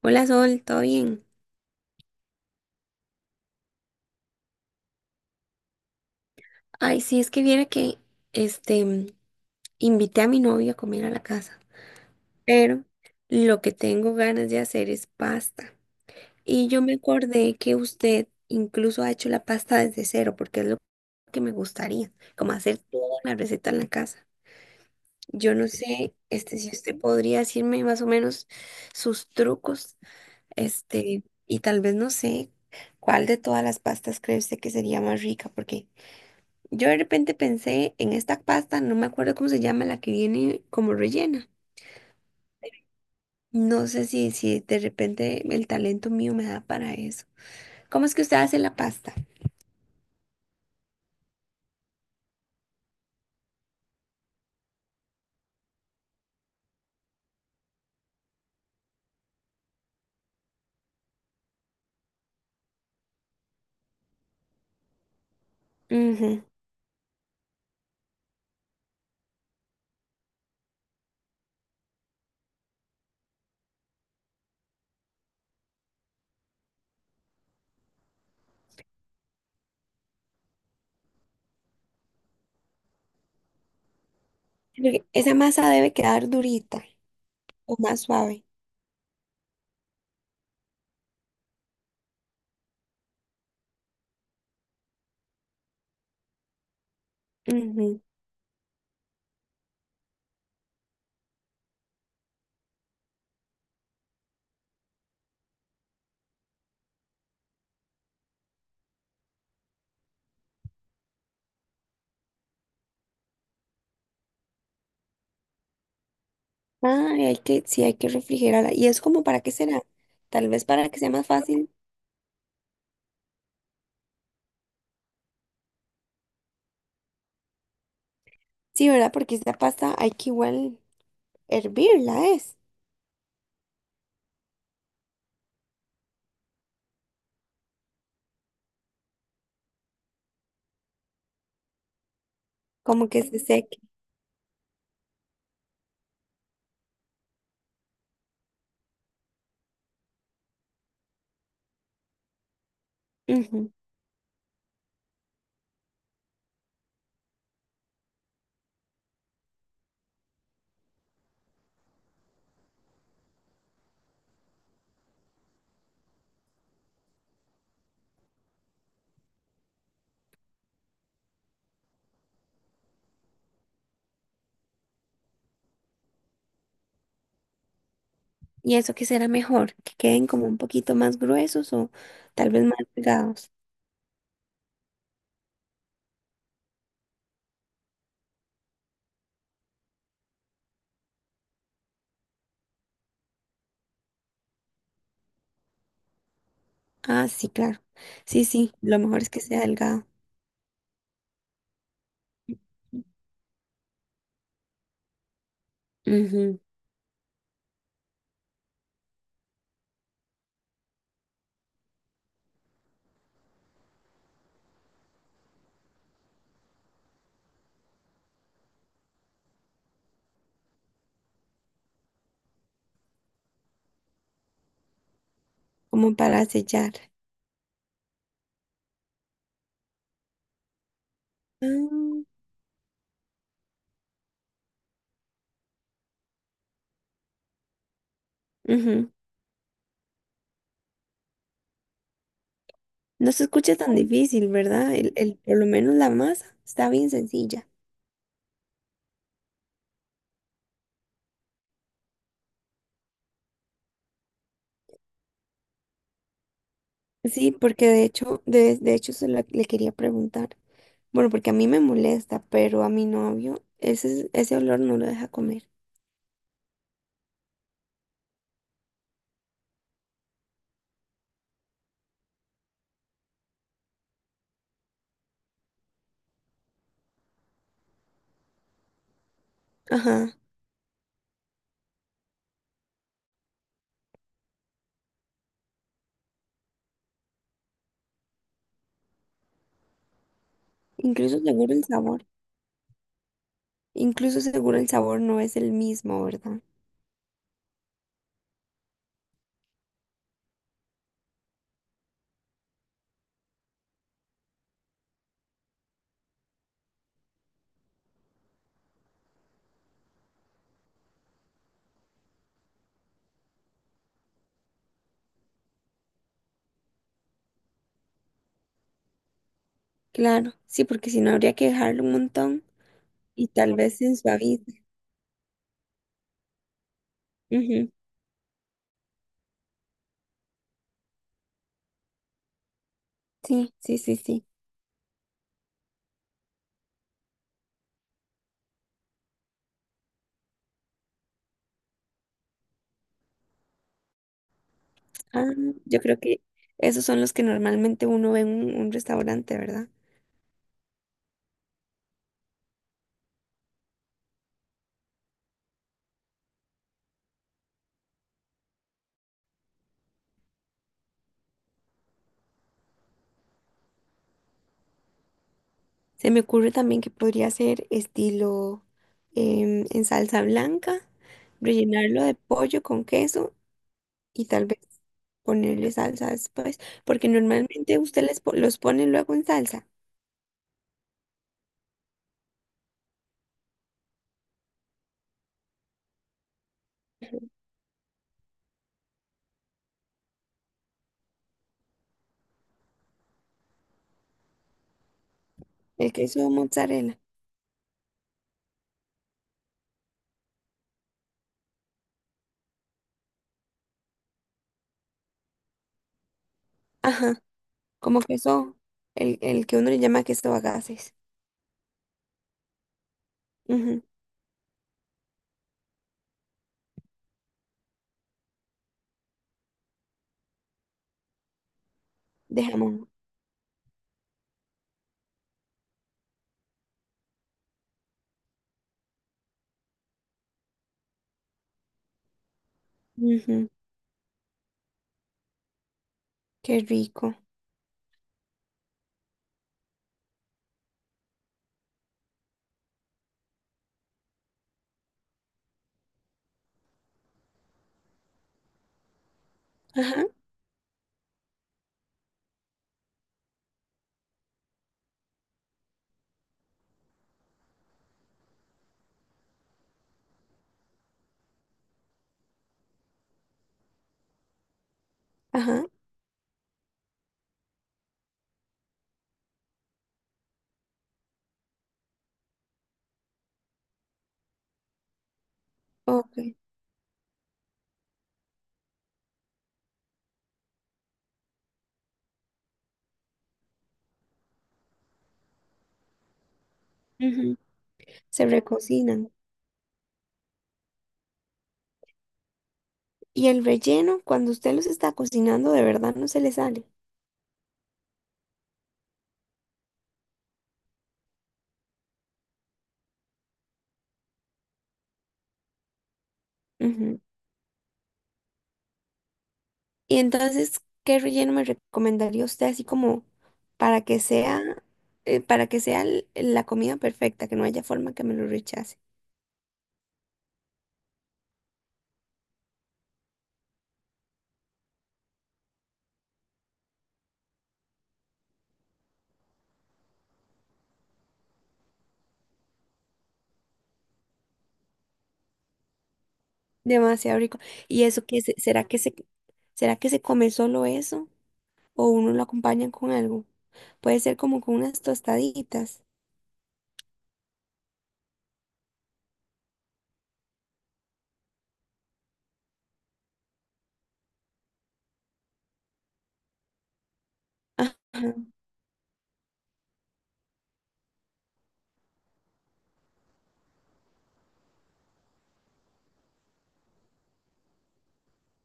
Hola Sol, ¿todo bien? Ay, sí, es que viera que este invité a mi novio a comer a la casa, pero lo que tengo ganas de hacer es pasta. Y yo me acordé que usted incluso ha hecho la pasta desde cero, porque es lo que me gustaría, como hacer toda la receta en la casa. Yo no sé, si usted podría decirme más o menos sus trucos, y tal vez no sé cuál de todas las pastas cree usted que sería más rica, porque yo de repente pensé en esta pasta, no me acuerdo cómo se llama, la que viene como rellena. No sé si de repente el talento mío me da para eso. ¿Cómo es que usted hace la pasta? Ujú. Porque esa masa, ¿debe quedar durita o más suave? Ujú. Ah, hay que, sí, hay que refrigerarla. ¿Y es como para qué será? Tal vez para que sea más fácil. Sí, ¿verdad? Porque esta pasta hay que igual hervirla, es como que se seque. Ujú. ¿Y eso qué será mejor? ¿Que queden como un poquito más gruesos o tal vez más delgados? Ah, sí, claro. Sí, sí, lo mejor es que sea delgado. Ujú. Como para sellar. Ah, ujú. No se escucha tan difícil, ¿verdad? El- por lo menos la masa está bien sencilla. Sí, porque de hecho, de hecho se la- le quería preguntar. Bueno, porque a mí me molesta, pero a mi novio ese, ese olor no lo deja comer. Ajá. Incluso seguro el sabor. Incluso seguro el sabor no es el mismo, ¿verdad? Claro, sí, porque si no habría que dejarlo un montón y tal vez se suavice. Ujú. Sí, sí, sí, sí. Ah, yo creo que esos son los que normalmente uno ve en un restaurante, ¿verdad? Se me ocurre también que podría ser estilo en salsa blanca, rellenarlo de pollo con queso y tal vez ponerle salsa después, porque normalmente usted les po- los pone luego en salsa, el queso mozzarella. Ajá. Como queso, el que uno le llama queso a gases. Ujú. De jamón. Ujú. Qué rico. Ajá, ajá, ok. Ujú. Se recocinan. Y el relleno, cuando usted los está cocinando, ¿de verdad no se le sale? Ujú. Y entonces, ¿qué relleno me recomendaría usted así como para que sea, para que sea l- la comida perfecta, que no haya forma que me lo rechace? Demasiado rico. ¿Y eso qué se- será que se, será que se come solo eso? ¿O uno lo acompaña con algo? Puede ser como con unas tostaditas. Ajá,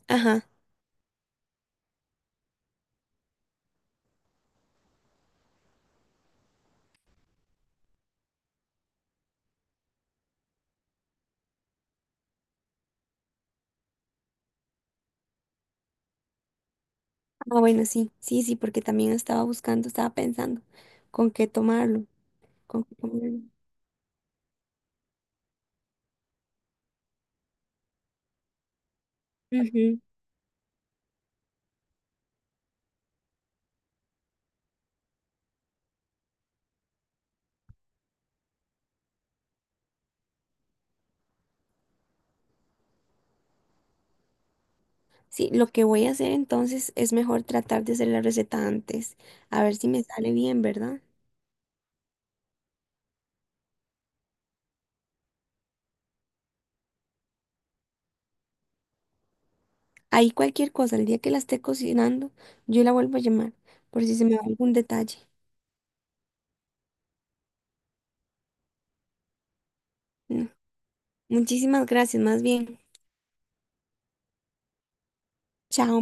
ajá. Ah, bueno, sí, sí, sí, porque también estaba buscando, estaba pensando con qué tomarlo, con qué comerlo. Ujú. Sí, lo que voy a hacer entonces es mejor tratar de hacer la receta antes, a ver si me sale bien, ¿verdad? Ahí cualquier cosa, el día que la esté cocinando, yo la vuelvo a llamar, por si se me va algún detalle. Mm. Muchísimas gracias, más bien. Chao.